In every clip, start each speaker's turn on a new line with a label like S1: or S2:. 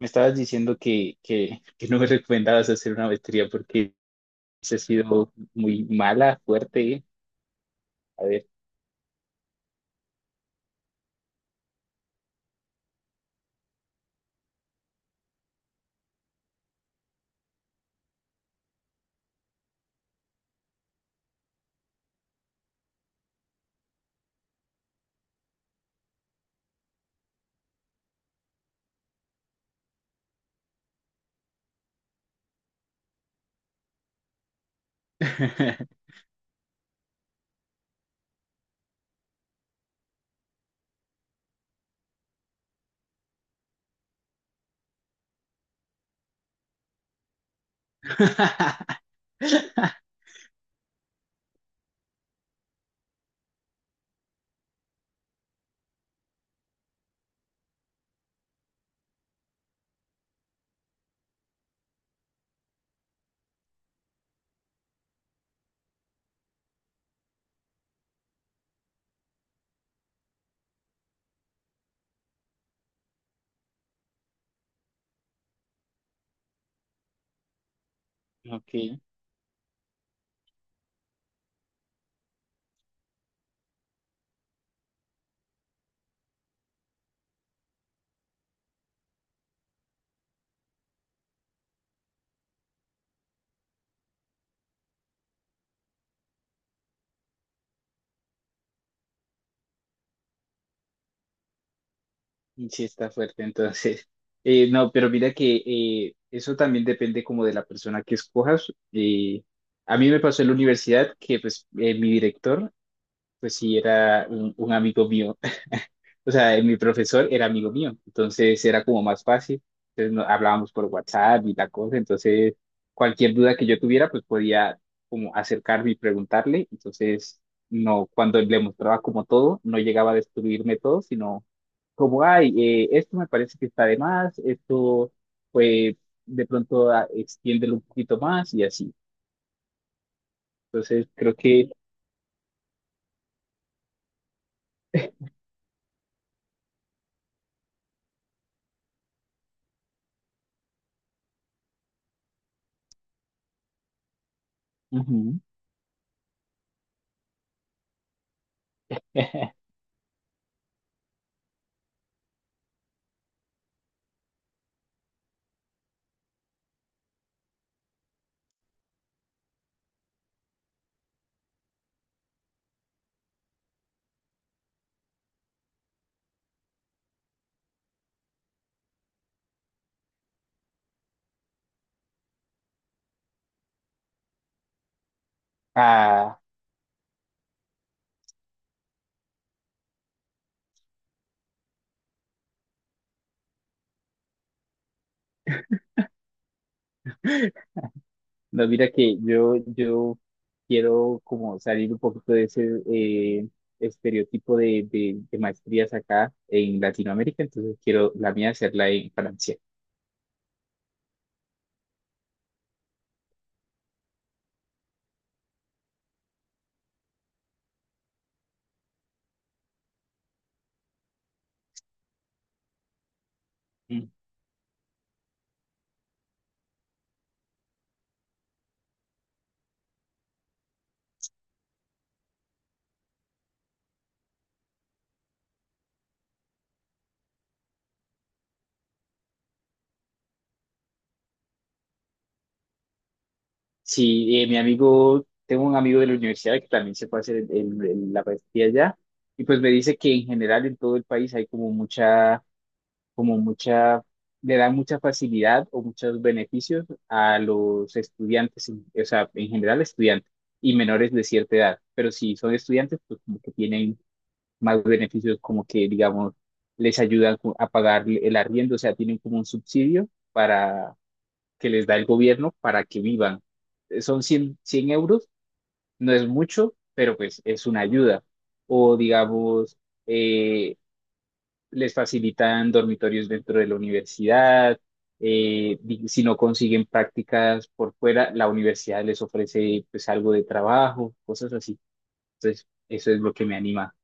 S1: Me estabas diciendo que no me recomendabas hacer una maestría porque se ha sido muy mala, fuerte. ¿Eh? A ver. Ok, sí está fuerte entonces. No, pero mira que eso también depende como de la persona que escojas. A mí me pasó en la universidad que pues mi director pues sí era un amigo mío, o sea, mi profesor era amigo mío, entonces era como más fácil. Entonces hablábamos por WhatsApp y la cosa, entonces cualquier duda que yo tuviera, pues podía como acercarme y preguntarle. Entonces, no, cuando le mostraba como todo, no llegaba a destruirme todo, sino como, ay, esto me parece que está de más, esto, pues, de pronto extiéndelo un poquito más y así. Entonces, creo que... Ujú. Ah, no, mira que yo quiero como salir un poquito de ese eh, estereotipo de maestrías acá en Latinoamérica, entonces quiero la mía hacerla en Francia. Mm. Sí, mi amigo, tengo un amigo de la universidad que también se puede hacer la maestría allá, y pues me dice que en general en todo el país hay como mucha, le da mucha facilidad o muchos beneficios a los estudiantes, o sea, en general estudiantes y menores de cierta edad. Pero si son estudiantes, pues como que tienen más beneficios, como que, digamos, les ayudan a pagar el arriendo, o sea, tienen como un subsidio para que les da el gobierno para que vivan. Son cien euros, no es mucho, pero pues es una ayuda. O digamos, eh, les facilitan dormitorios dentro de la universidad, si no consiguen prácticas por fuera, la universidad les ofrece pues algo de trabajo, cosas así. Entonces, eso es lo que me anima.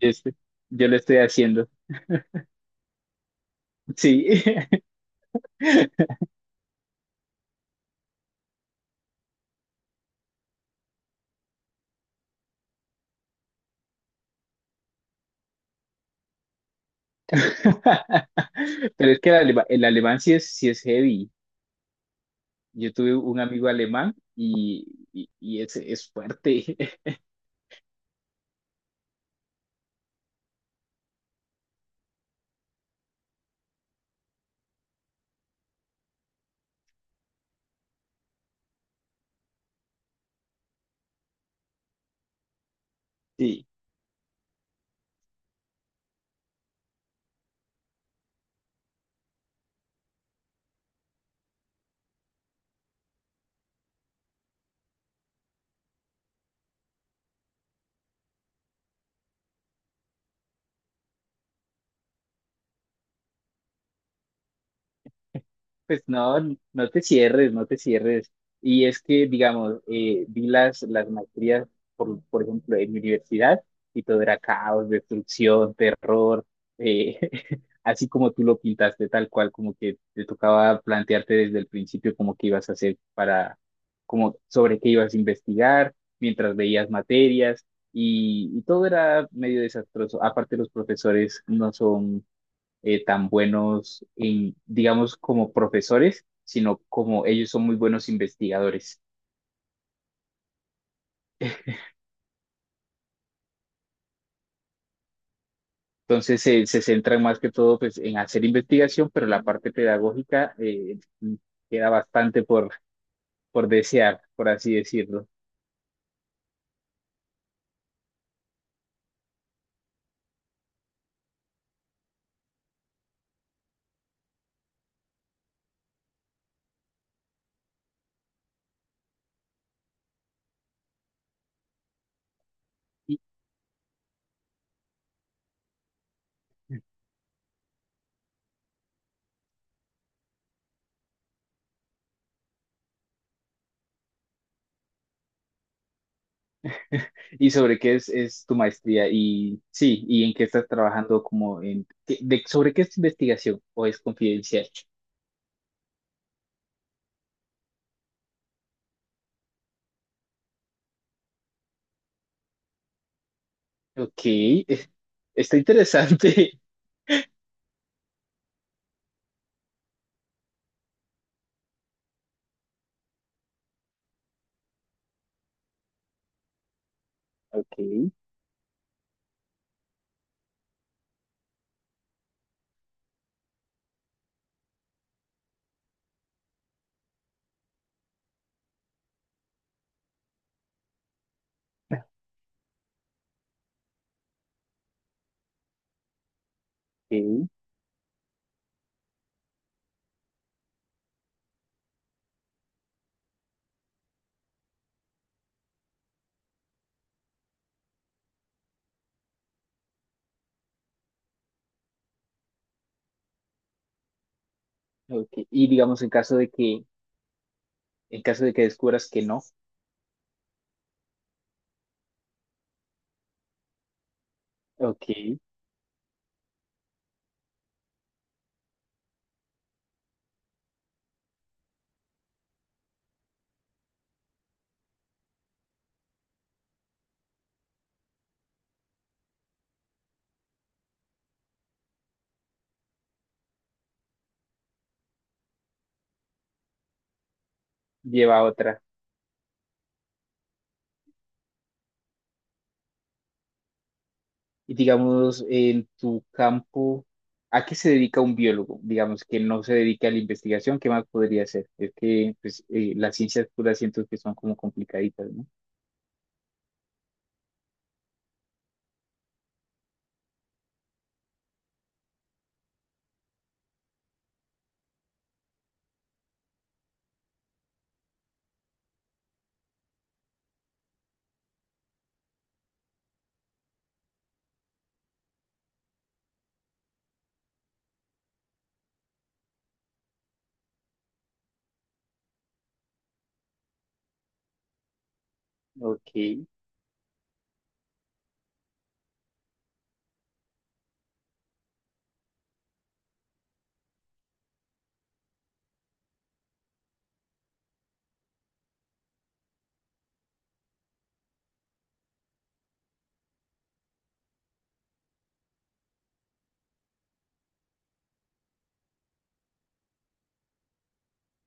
S1: Yo, estoy- yo lo estoy haciendo. Sí. Pero es que el alemán, sí es heavy. Yo tuve un amigo alemán y, es fuerte. Sí. Pues no, no te cierres, no te cierres. Y es que, digamos, vi las maestrías, por ejemplo, en mi universidad, y todo era caos, destrucción, terror, eh, así como tú lo pintaste, tal cual, como que te tocaba plantearte desde el principio como que ibas a hacer para, como sobre qué ibas a investigar, mientras veías materias, y todo era medio desastroso. Aparte, los profesores no son tan buenos, en, digamos, como profesores, sino como ellos son muy buenos investigadores. Entonces se centran más que todo pues, en hacer investigación, pero la parte pedagógica queda bastante por desear, por así decirlo. ¿Y, y sobre qué es tu maestría? Y sí, ¿y en qué estás trabajando? Como en, qué- de, ¿Sobre qué es tu investigación o es confidencial? Ok, está interesante. Ok, ok, ok. Y digamos en caso de que descubras que no, ok, lleva a otra. Y digamos, en tu campo, ¿a qué se dedica un biólogo? Digamos que no se dedica a la investigación, ¿qué más podría hacer? Es que pues, las ciencias puras siento que son como complicaditas, ¿no? Ok,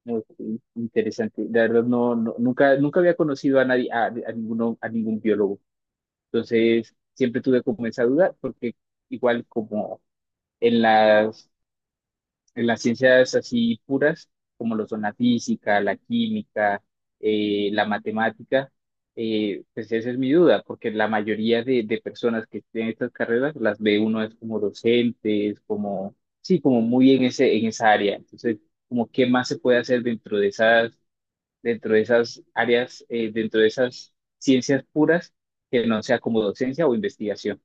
S1: ok, interesante. La verdad, nunca, nunca había conocido a nadie, a a ningún biólogo. Entonces, siempre tuve como esa duda, porque igual como en las ciencias así puras, como lo son la física, la química, la matemática, pues esa es mi duda, porque la mayoría de personas que tienen estas carreras las ve uno es como docentes, como, sí, como muy en ese, en esa área. Entonces, como qué más se puede hacer dentro de esas áreas, dentro de esas ciencias puras que no sea como docencia o investigación.